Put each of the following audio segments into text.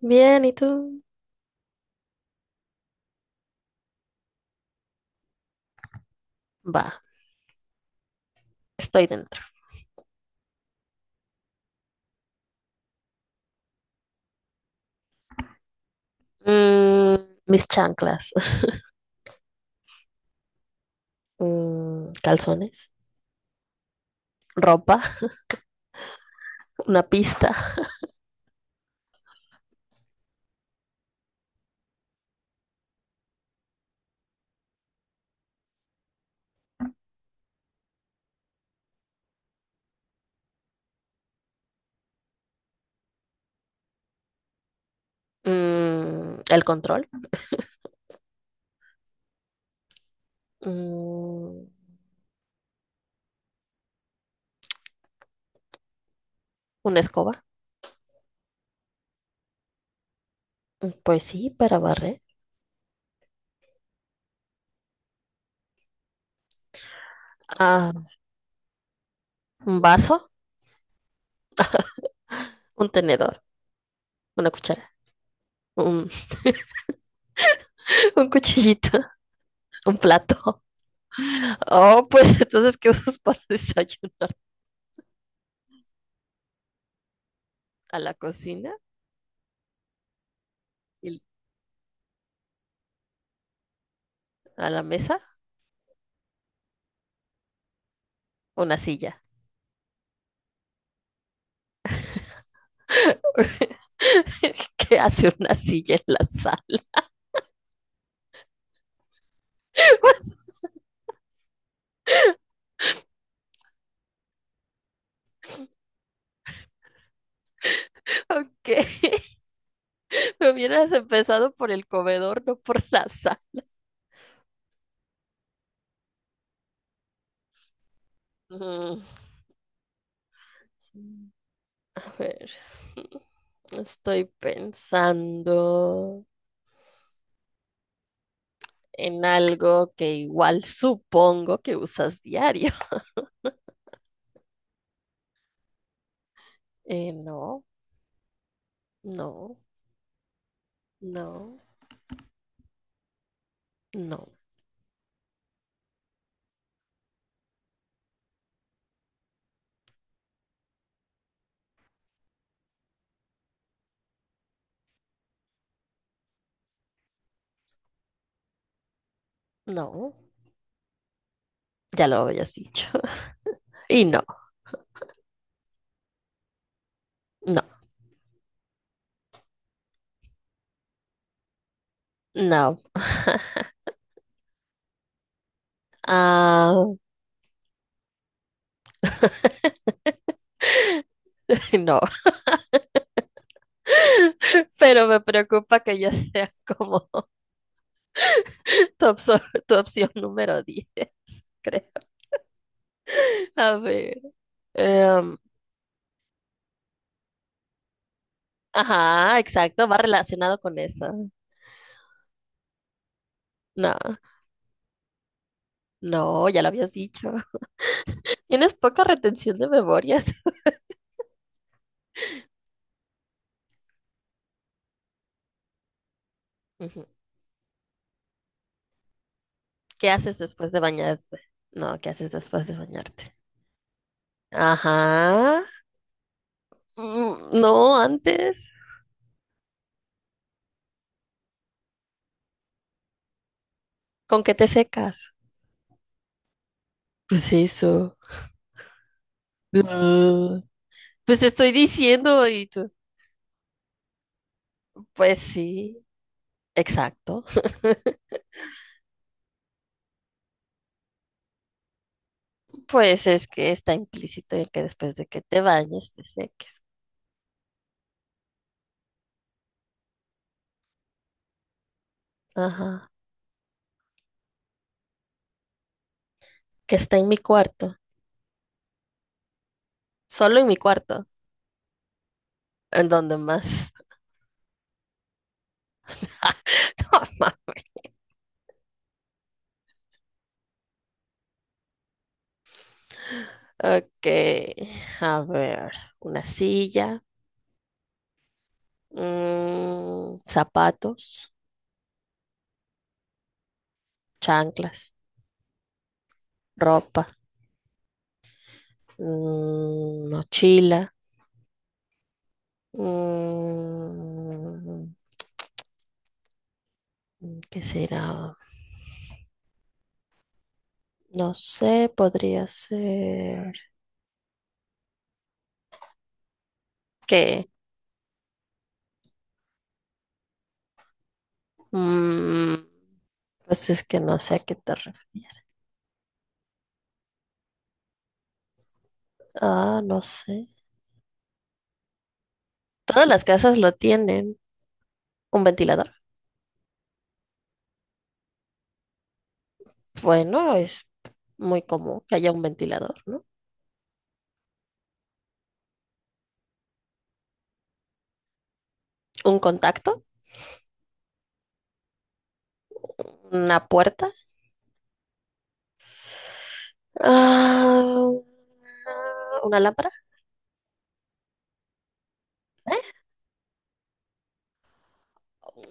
Bien, ¿y tú? Va, estoy dentro. Mis chanclas, calzones, ropa, una pista. El control. Mm, una escoba. Pues sí, para barrer. Ah, un vaso, un tenedor, una cuchara. Un, un cuchillito, un plato. Oh, pues entonces, ¿qué usas para desayunar? ¿A la cocina? ¿Y ¿A la mesa? Una silla. ¿Qué hace una silla en la sala? Ok, me hubieras empezado por el comedor, no por la sala. Mm. A ver, estoy pensando en algo que igual supongo que usas diario. No, no, no, no, no. Ya lo habías dicho. Y no, no, no. Ah, no. Pero me preocupa que ya sea como tu, opso- tu opción número 10, creo. A ver. em, ajá, exacto, va relacionado con eso. No, no, ya lo habías dicho. Tienes poca retención de memorias. Ujú. ¿Qué haces después de bañarte? No, ¿qué haces después de bañarte? Ajá. No, antes. ¿Con qué te secas? Pues eso. Ah, pues te estoy diciendo y tú. Pues sí, exacto. Pues es que está implícito en que después de que te bañes te seques. Ajá. Que está en mi cuarto. Solo en mi cuarto. ¿En dónde más? No más. Ok, a ver, una silla, zapatos, chanclas, ropa, mochila, mm, ¿qué será? No sé, podría ser que, mm, pues es que no sé a qué te refieres. Ah, no sé. Todas las casas lo tienen. ¿Un ventilador? Bueno, es muy común que haya un ventilador, ¿no? Un contacto, una puerta, ah, una lámpara,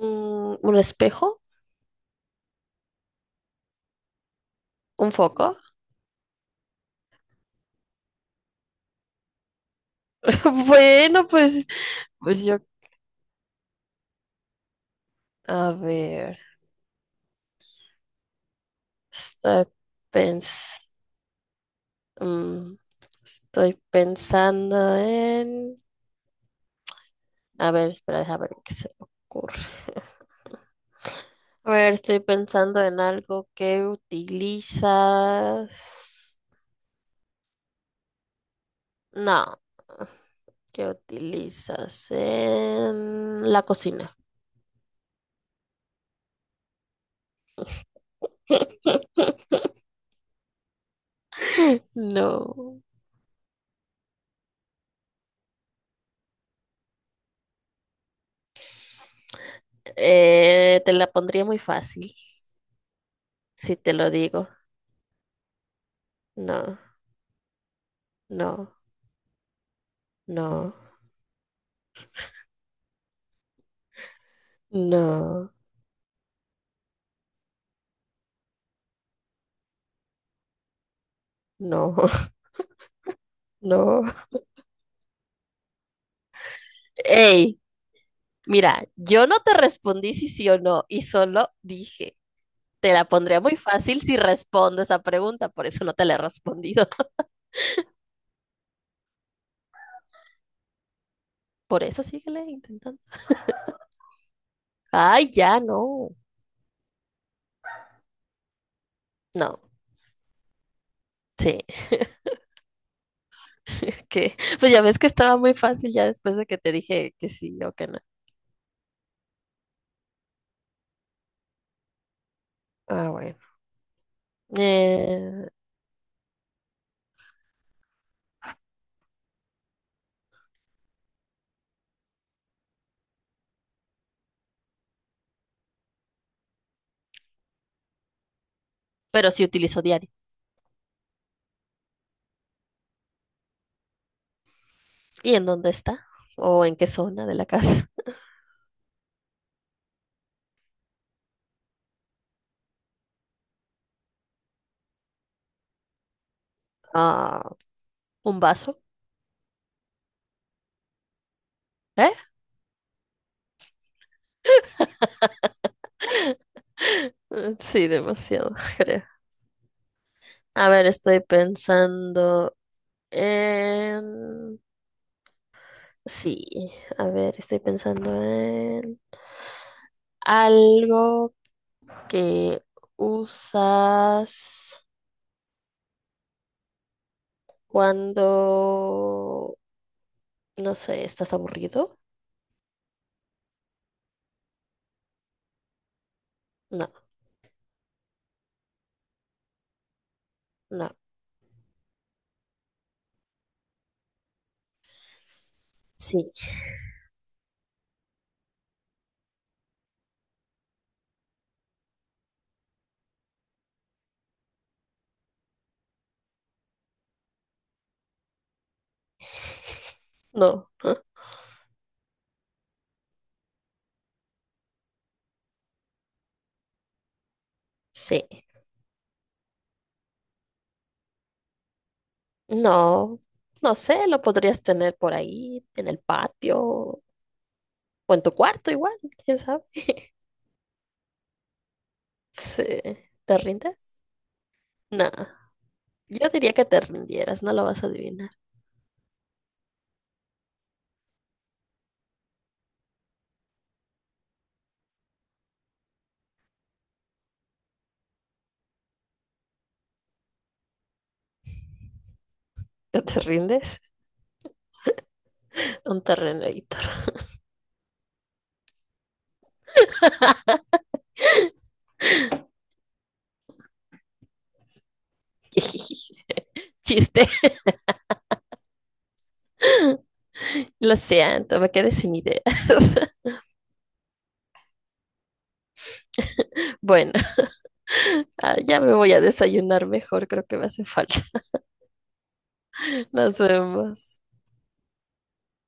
un espejo, un foco. Bueno, pues, pues yo, a ver, estoy pens- mm, estoy pensando en, a ver, espera, déjame ver qué se me ocurre. A ver, estoy pensando en algo que utilizas. No, que utilizas en la cocina. No, te la pondría muy fácil si te lo digo. No, no, no, no, no, no. Ey, mira, yo no te respondí si sí o no y solo dije, te la pondría muy fácil si respondo esa pregunta, por eso no te la he respondido. Por eso síguele intentando. Ay, ya no, no, sí. Que, pues ya ves que estaba muy fácil ya después de que te dije que sí o que no. Ah, bueno. Eh, pero sí utilizo diario. ¿Y en dónde está? ¿O en qué zona de la casa? Ah, ¿un vaso? ¿Eh? Sí, demasiado, creo. A ver, estoy pensando en... Sí, a ver, estoy pensando en algo que usas cuando, no sé, estás aburrido. No, no, sí, no, ¿eh? Sí, no, no sé, lo podrías tener por ahí, en el patio o en tu cuarto igual, quién sabe. Sí, ¿te rindes? No, yo diría que te rindieras, no lo vas a adivinar. ¿No te rindes? Un terreno editor. Chiste, lo siento, me quedé sin ideas. Bueno, ah, ya me voy a desayunar mejor, creo que me hace falta. Nos vemos.